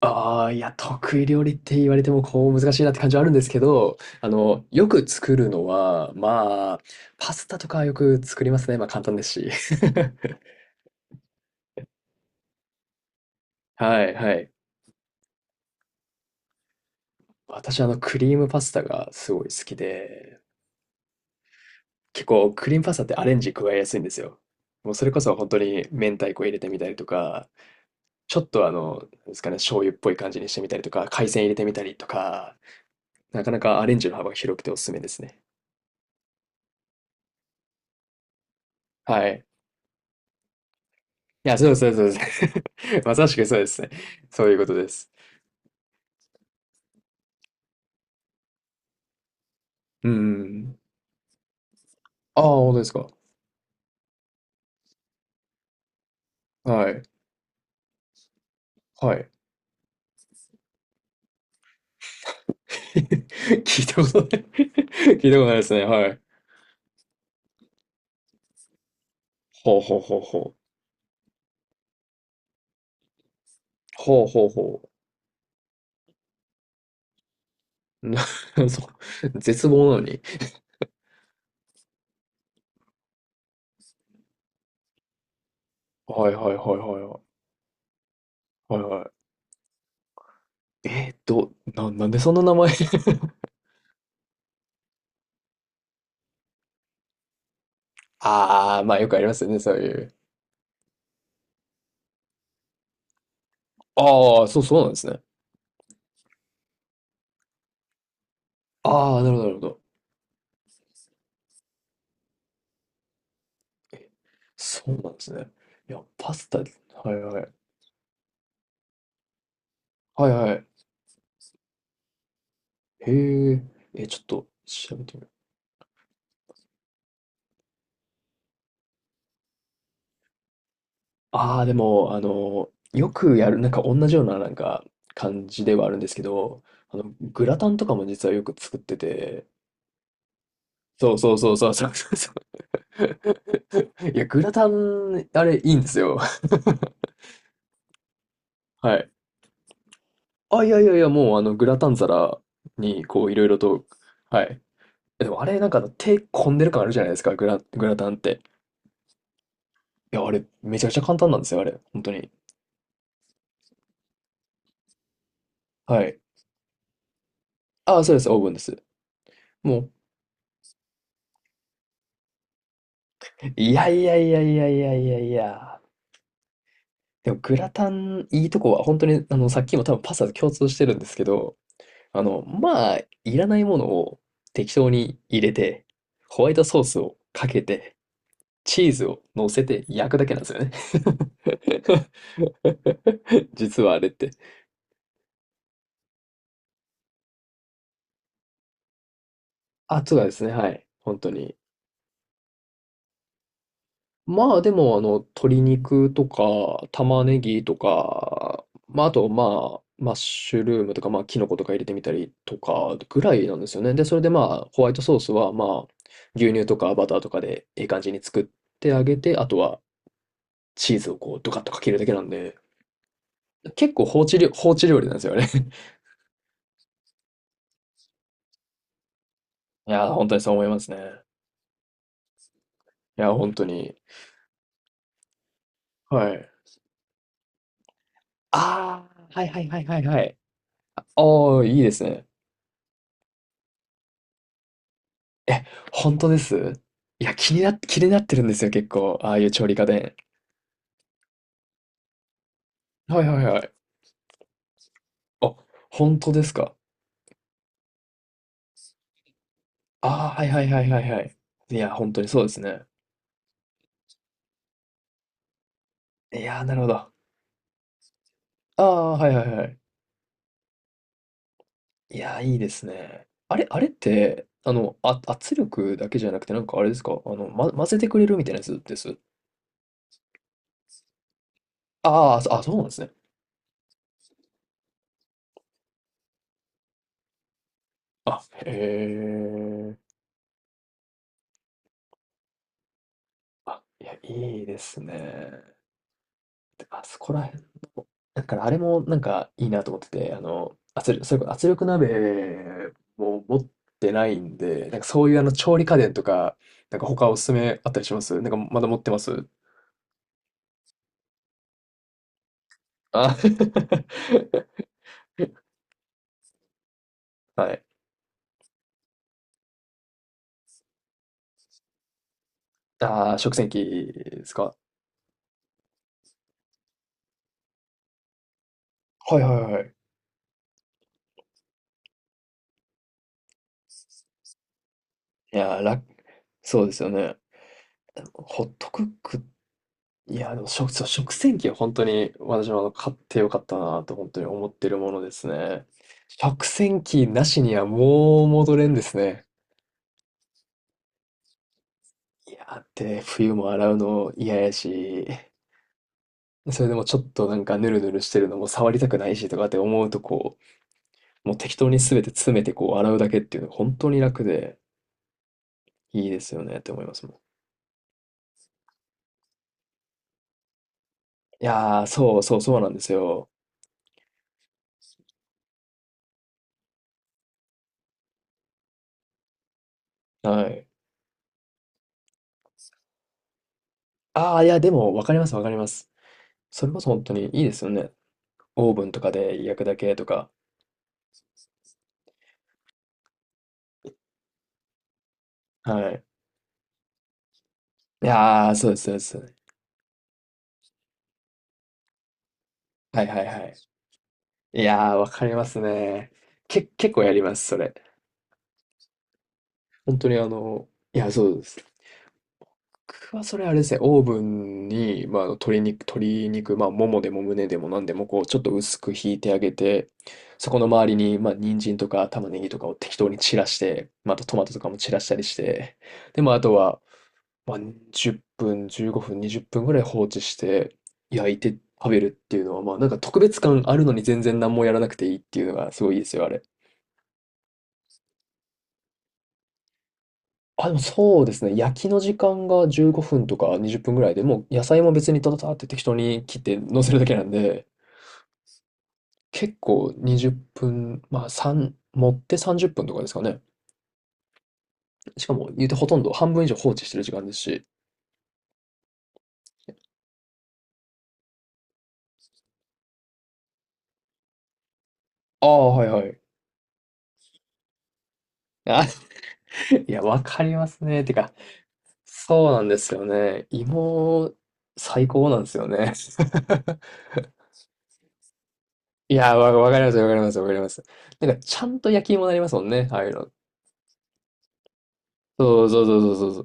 ああ、いや、得意料理って言われても、こう、難しいなって感じはあるんですけど、あの、よく作るのは、まあ、パスタとかよく作りますね。まあ、簡単ですし。はいはい。私、あの、クリームパスタがすごい好きで、結構、クリームパスタってアレンジ加えやすいんですよ。もう、それこそ本当に明太子入れてみたりとか、ちょっとあの、なんですかね、醤油っぽい感じにしてみたりとか、海鮮入れてみたりとか、なかなかアレンジの幅が広くておすすめですね。はい。いや、そうです、そうです、そうです。まさしくそうですね。そういうことです。うんうんうん。ああ、本当ですか。はい。はい。聞いたことない 聞いたことないですね。はい。ほうほうほうほう。ほうほうほう。そう、絶望なのに。はいはいはいはいはい。はいはい。えー、なんでそんな名前？ ああ、まあよくありますよね、そういう。ああ、そうそうなんですね。ああ、なるほどなるほど。え、そうなんですね。いや、パスタ、はいはい。はいはい。へえ、え、ちょっと調べてみよう。ああ、でも、あの、よくやる、なんか同じような、なんか、感じではあるんですけど、あの、グラタンとかも実はよく作ってて、そうそうそうそうそうそうそう。いや、グラタン、あれ、いいんですよ。はい。あ、いやいやいや、もう、あの、グラタン皿に、こう、いろいろと、はい。えでも、あれ、なんか、手込んでる感あるじゃないですか、グラタンって。いや、あれ、めちゃくちゃ簡単なんですよ、あれ。本当に。はい。ああ、そうです、オーブンです。もう、いやいやいやいやいやいやいや。でもグラタン、いいとこは、本当に、あの、さっきも多分パスタと共通してるんですけど、あの、まあ、いらないものを適当に入れて、ホワイトソースをかけて、チーズを乗せて焼くだけなんですよね。実はあれって。あ、そうですね、はい。本当に。まあでも、あの、鶏肉とか、玉ねぎとか、まああと、まあ、マッシュルームとか、まあ、キノコとか入れてみたりとか、ぐらいなんですよね。で、それでまあ、ホワイトソースは、まあ、牛乳とかバターとかで、いい感じに作ってあげて、あとは、チーズをこう、ドカッとかけるだけなんで、結構放置料理なんですよね。いやー、本当にそう思いますね。いやー、本当に。はい。ああ、はいはいはいはいはい。ああ、いいですね。え、本当です？いや、気になってるんですよ、結構。ああいう調理家電。はいはいはい。あ、本当ですか。ああ、はいはいはいはいはい。いや、本当にそうですね。いやー、なるほど。ああ、はいはいはい。いやー、いいですね。あれ、あれって、あの、あ、圧力だけじゃなくて、なんかあれですか、あの、ま、混ぜてくれるみたいなやつです？ああ、そうなんですね。へえ。あ、いや、いいですね。であそこらだからあれもなんかいいなと思ってて、あの、圧力、それこそ圧力鍋も持ってないんで、なんかそういうあの調理家電とか、なんか他おすすめあったりします？なんかまだ持ってます？あ はい。ああ、食洗機ですか？はいはいはい。いやー、そうですよね。ホットクック、いやー、でも食、そう食洗機は本当に私もあの買ってよかったなと本当に思ってるものですね。食洗機なしにはもう戻れんですね。いや、ってね、冬も洗うの嫌やし、それでもちょっとなんかヌルヌルしてるのも触りたくないしとかって思うとこう、もう適当に全て詰めてこう洗うだけっていうのが本当に楽でいいですよねって思いますもん。いやー、そうそうそうなんですよ。はい。ああ、いや、でもわかりますわかります。それこそ本当にいいですよね。オーブンとかで焼くだけとか。はい。いやー、そうです、そうです。はいはいはい。いやー、わかりますね。結構やります、それ。本当にあの、いや、そうです。僕はそれあれですね、オーブンに、まあ、あの鶏肉、まあ、ももでも胸でも何でも、こう、ちょっと薄くひいてあげて、そこの周りに、まあ、人参とか玉ねぎとかを適当に散らして、またトマトとかも散らしたりして、で、まあ、あとは、まあ、10分、15分、20分ぐらい放置して、焼いて食べるっていうのは、まあ、なんか特別感あるのに全然何もやらなくていいっていうのがすごいいいですよ、あれ。あ、でもそうですね。焼きの時間が15分とか20分ぐらいで、もう野菜も別にたたたって適当に切って乗せるだけなんで、結構20分、まあ3、持って30分とかですかね。しかも言うてほとんど半分以上放置してる時間ですし。ああ、はいはい。あ、いや、わかりますね。てか、そうなんですよね。芋、最高なんですよね。いや、わかります、わかります、わかります。なんか、ちゃんと焼き芋になりますもんね。ああいうの。そうそうそうそうそう、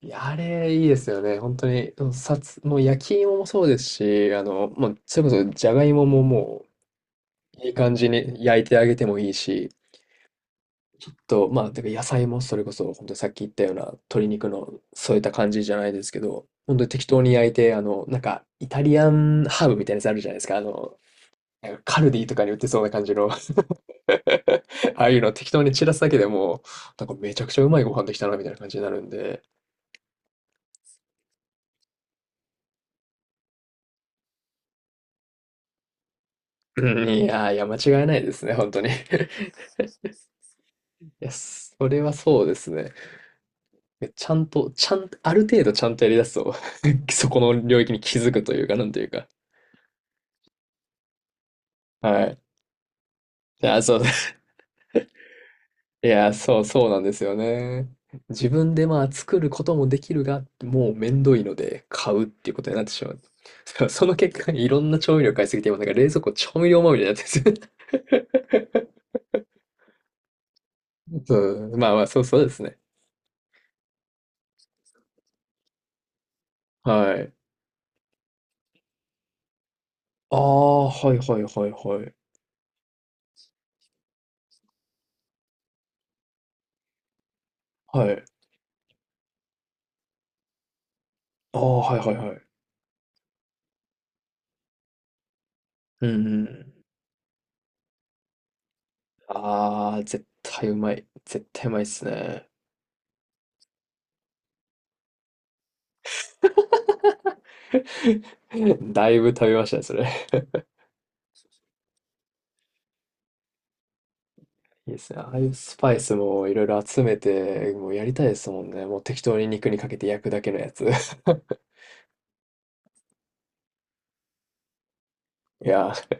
いや、あれ、いいですよね。本当に、うんさつ、もう焼き芋もそうですし、あの、もうそれこそ、じゃがいもももう、いい感じに焼いてあげてもいいし、と、まあ、てか野菜もそれこそ、本当にさっき言ったような鶏肉の添えた感じじゃないですけど、本当に適当に焼いて、あの、なんか、イタリアンハーブみたいなやつあるじゃないですか。あの、なんかカルディとかに売ってそうな感じの ああいうの適当に散らすだけでもう、なんかめちゃくちゃうまいご飯できたな、みたいな感じになるんで、うん、いやー、いや、間違いないですね、本当に。いや、それはそうですね。ちゃんと、ちゃん、ある程度ちゃんとやりだすと、そこの領域に気づくというか、なんというか。はい。いや、そう、そうなんですよね。自分でまあ作ることもできるが、もうめんどいので買うっていうことになってしまう。その結果、いろんな調味料買いすぎて、今なんか冷蔵庫調味料まみれになってるんですよ そう、まあまあ、そうそうですね。はい。ああ、はいはいはいはい。はい。ああ、はいはいはい。うんうん。あー、絶対うまい。絶対うまいっすね。だいぶ食べましたね、それ。いいですね。ああいうスパイスもいろいろ集めて、もうやりたいですもんね。もう適当に肉にかけて焼くだけのやつ。いやー